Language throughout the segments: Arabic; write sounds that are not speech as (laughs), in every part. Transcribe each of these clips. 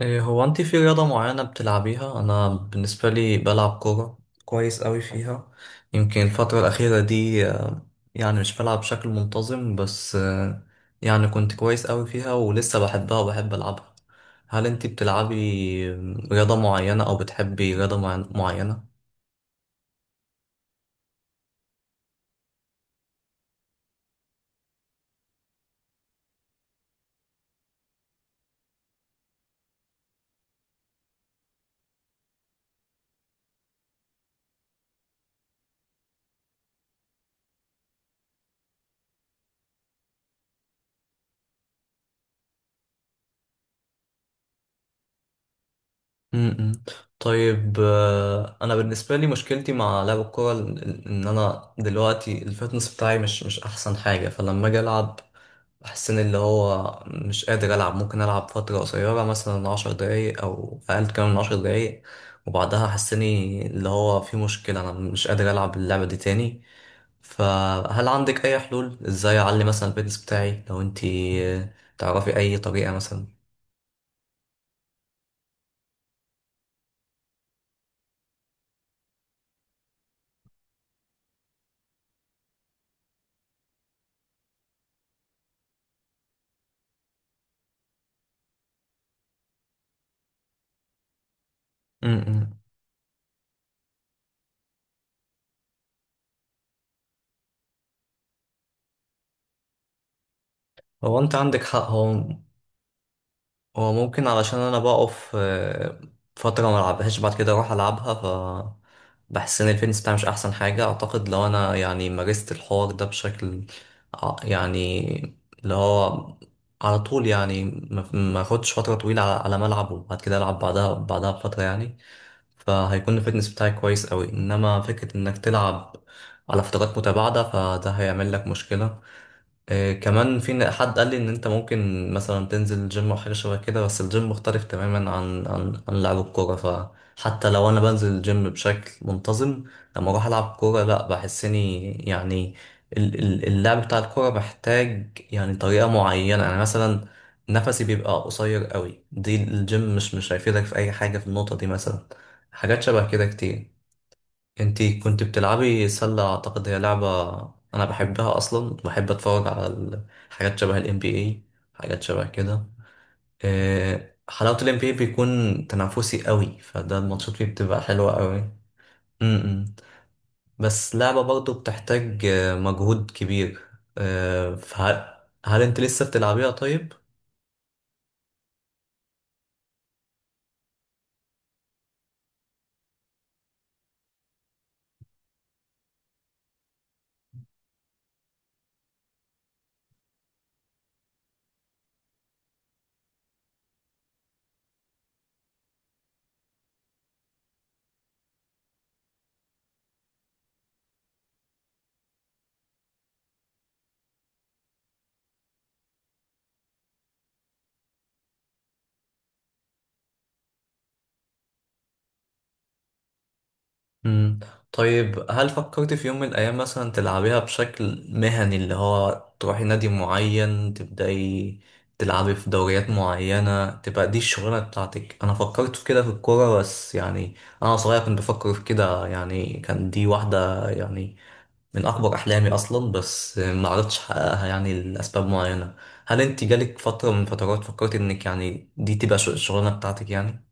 إيه، هو انت في رياضة معينة بتلعبيها؟ انا بالنسبة لي بلعب كورة كويس قوي فيها. يمكن الفترة الأخيرة دي يعني مش بلعب بشكل منتظم، بس يعني كنت كويس قوي فيها ولسه بحبها وبحب ألعبها. هل انت بتلعبي رياضة معينة او بتحبي رياضة معينة؟ م-م. طيب، انا بالنسبة لي مشكلتي مع لعب الكورة ان انا دلوقتي الفتنس بتاعي مش احسن حاجة، فلما اجي العب بحس ان اللي هو مش قادر العب، ممكن العب فتره قصيره، مثلا عشر دقايق او اقل كمان من عشر دقايق، وبعدها حسني اللي هو في مشكله، انا مش قادر العب اللعبه دي تاني. فهل عندك اي حلول ازاي اعلي مثلا الفيتنس بتاعي، لو انتي تعرفي اي طريقه مثلا؟ م- م. هو انت عندك حق. هو ممكن، علشان انا بقف فترة ما العبهاش، بعد كده اروح العبها، ف بحس ان الفيتنس بتاعي مش احسن حاجة. اعتقد لو انا يعني مارست الحوار ده بشكل يعني اللي هو على طول يعني، ما اخدش فترة طويلة على على ما العب، وبعد كده العب بعدها بفترة يعني، فهيكون الفيتنس بتاعي كويس قوي. انما فكرة انك تلعب على فترات متباعدة فده هيعمل لك مشكلة. كمان في حد قال لي ان انت ممكن مثلا تنزل جيم او حاجه شبه كده، بس الجيم مختلف تماما عن لعب الكوره. فحتى لو انا بنزل الجيم بشكل منتظم، لما اروح العب كوره لا، بحس اني يعني اللعب بتاع الكوره محتاج يعني طريقه معينه. يعني مثلا نفسي بيبقى قصير قوي، دي الجيم مش هيفيدك في اي حاجه في النقطه دي مثلا. حاجات شبه كده كتير. انتي كنت بتلعبي سلة، اعتقد هي لعبة انا بحبها اصلا، بحب اتفرج على حاجات شبه الام بي اي، حاجات شبه كده. حلاوة الام بي اي بيكون تنافسي قوي، فده الماتشات فيه بتبقى حلوة قوي. م-م. بس لعبة برضه بتحتاج مجهود كبير. فهل هل انت لسه بتلعبيها طيب؟ مم. طيب، هل فكرت في يوم من الأيام مثلا تلعبيها بشكل مهني، اللي هو تروحي نادي معين، تبدأي تلعبي في دوريات معينة، تبقى دي الشغلانة بتاعتك؟ أنا فكرت في كده في الكورة، بس يعني أنا صغير كنت بفكر في كده يعني. كان دي واحدة يعني من أكبر أحلامي أصلا، بس ما عرفتش أحققها يعني لأسباب معينة. هل أنت جالك فترة من فترات فكرت إنك يعني دي تبقى الشغلانة بتاعتك يعني؟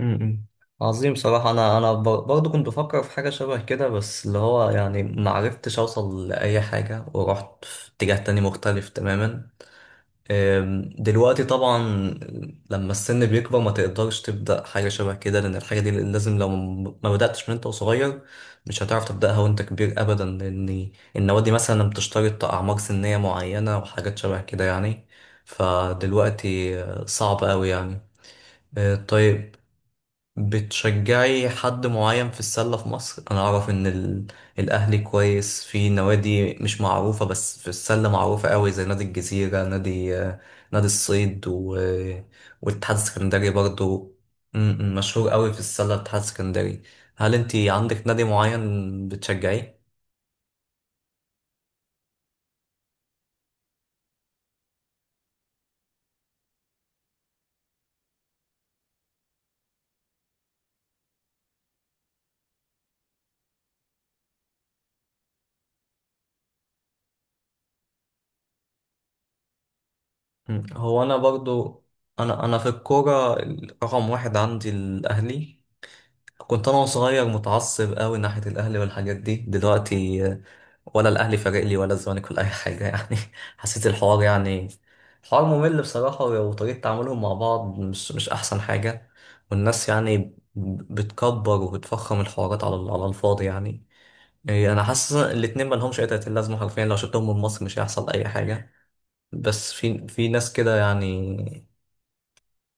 امم، عظيم بصراحة. أنا برضه كنت بفكر في حاجة شبه كده، بس اللي هو يعني معرفتش أوصل لأي حاجة، ورحت في اتجاه تاني مختلف تماما. دلوقتي طبعا لما السن بيكبر ما تقدرش تبدأ حاجة شبه كده، لأن الحاجة دي لازم لو ما بدأتش من أنت وصغير مش هتعرف تبدأها وأنت كبير أبدا. لأن النوادي دي مثلا بتشترط أعمار سنية معينة وحاجات شبه كده يعني، فدلوقتي صعب أوي يعني. طيب، بتشجعي حد معين في السلة في مصر؟ أنا أعرف إن ال... الأهلي كويس في نوادي مش معروفة، بس في السلة معروفة قوي، زي نادي الجزيرة، نادي نادي الصيد، و... والاتحاد السكندري برضو. م- م، مشهور قوي في السلة الاتحاد السكندري. هل أنتي عندك نادي معين بتشجعيه؟ م، هو أنا برضو، أنا في الكورة رقم واحد عندي الأهلي. كنت انا صغير متعصب قوي ناحيه الاهلي، والحاجات دي دلوقتي ولا الاهلي فارق لي ولا الزمالك ولا اي حاجه يعني. (laughs) حسيت الحوار يعني حوار ممل بصراحه، وطريقه تعاملهم مع بعض مش احسن حاجه. والناس يعني بتكبر وبتفخم الحوارات على على الفاضي يعني. إيه، انا حاسس إن الاتنين ما لهمش اي تأتي لازمه، حرفيا لو شلتهم من مصر مش هيحصل اي حاجه. بس في ناس كده يعني،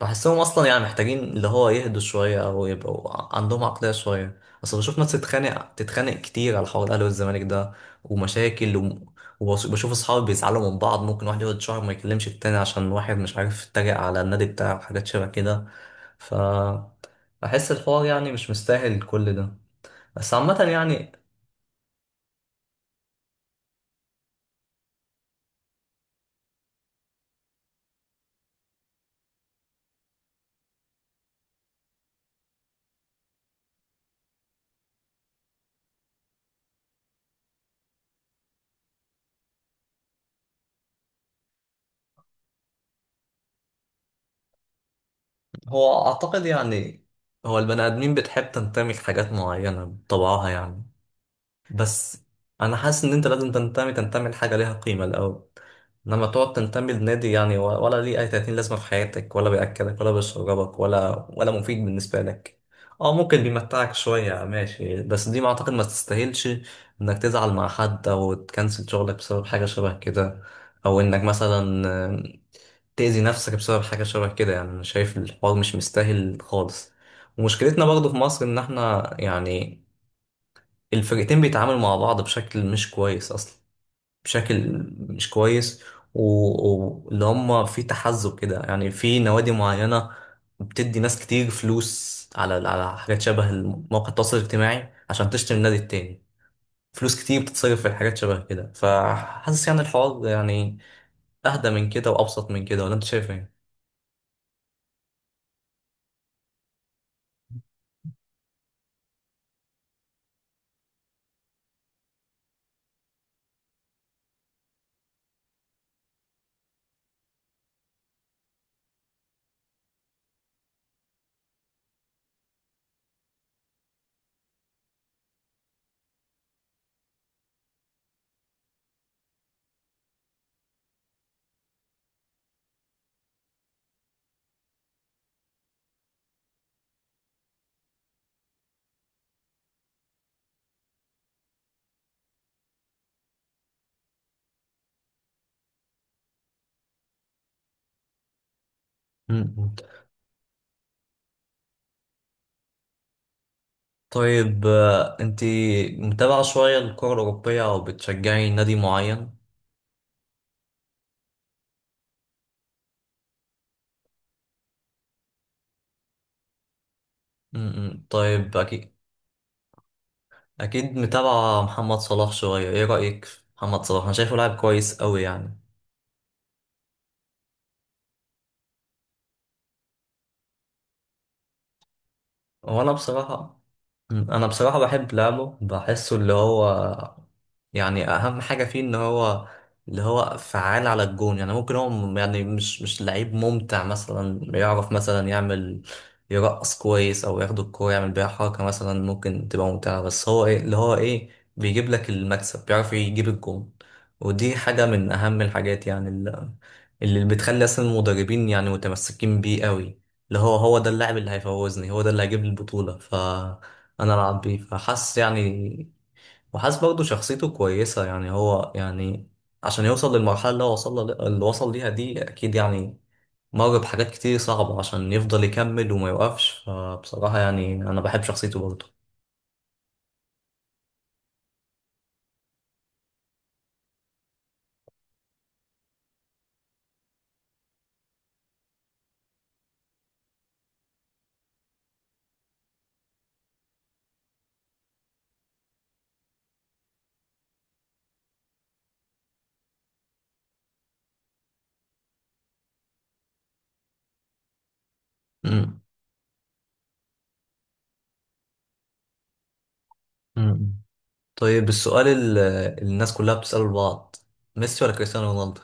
بحسهم اصلا يعني محتاجين اللي هو يهدوا شويه، او يبقوا عندهم عقليه شويه. اصل بشوف ناس تتخانق كتير على حوار الاهلي والزمالك ده، ومشاكل و... وبشوف اصحابي بيزعلوا من بعض، ممكن واحد يقعد شهر ما يكلمش التاني عشان واحد مش عارف يتريق على النادي بتاعه وحاجات شبه كده. ف بحس الحوار يعني مش مستاهل كل ده. بس عامه يعني، هو اعتقد يعني هو البني ادمين بتحب تنتمي لحاجات معينه بطبعها يعني. بس انا حاسس ان انت لازم تنتمي لحاجه ليها قيمه الاول، انما تقعد تنتمي لنادي يعني ولا ليه اي 30 لازمه في حياتك، ولا بياكلك ولا بيشربك ولا مفيد بالنسبه لك. اه ممكن بيمتعك شويه ماشي، بس دي ما اعتقد ما تستاهلش انك تزعل مع حد او تكنسل شغلك بسبب حاجه شبه كده، او انك مثلا آم، تأذي نفسك بسبب حاجه شبه كده. يعني انا شايف الحوار مش مستاهل خالص. ومشكلتنا برضه في مصر ان احنا يعني الفرقتين بيتعاملوا مع بعض بشكل مش كويس اصلا، بشكل مش كويس. واللي هم في تحزب كده يعني، في نوادي معينة بتدي ناس كتير فلوس على على حاجات شبه مواقع التواصل الاجتماعي عشان تشتري النادي التاني. فلوس كتير بتتصرف في حاجات شبه كده، فحاسس يعني الحوار يعني اهدى من كده وابسط من كده، ولا انت شايف ايه؟ مم. طيب انت متابعة شوية الكرة الأوروبية أو بتشجعي نادي معين؟ مم. طيب، أكيد اكيد متابعة محمد صلاح شوية. ايه رأيك في محمد صلاح؟ انا شايفه لاعب كويس قوي يعني. وانا بصراحة بحب لعبه، بحسه اللي هو يعني اهم حاجه فيه ان هو اللي هو فعال على الجون. يعني ممكن هو يعني مش لعيب ممتع، مثلا بيعرف مثلا يعمل يرقص كويس او ياخد الكوره يعمل بيها حركه مثلا ممكن تبقى ممتعه، بس هو ايه، اللي هو ايه بيجيب لك المكسب، بيعرف يجيب الجون. ودي حاجه من اهم الحاجات يعني، اللي, اللي بتخلي اصلا المدربين يعني متمسكين بيه قوي. اللي هو هو ده اللاعب اللي هيفوزني، هو ده اللي هيجيب لي البطوله، فانا العب بيه فحس يعني. وحاسس برضه شخصيته كويسة يعني، هو يعني عشان يوصل للمرحلة اللي هو وصل، اللي وصل ليها دي، أكيد يعني مر بحاجات كتير صعبة عشان يفضل يكمل وما يوقفش. فبصراحة يعني أنا بحب شخصيته برضه. أمم. امم، طيب السؤال اللي الناس كلها بتسأله لبعض، ميسي ولا كريستيانو رونالدو؟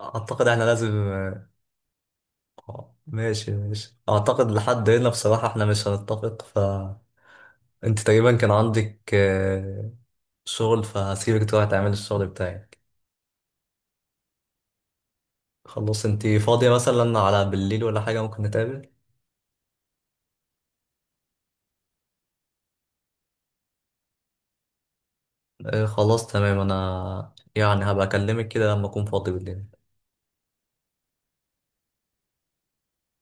أعتقد إحنا لازم ماشي ماشي، أعتقد لحد هنا بصراحة إحنا مش هنتفق. فأنت تقريبا كان عندك شغل، فهسيبك تروح تعمل الشغل بتاعي. خلاص، انتي فاضية مثلا على بالليل ولا حاجة ممكن نتقابل؟ آه خلاص تمام، انا يعني هبقى اكلمك كده لما اكون فاضي بالليل.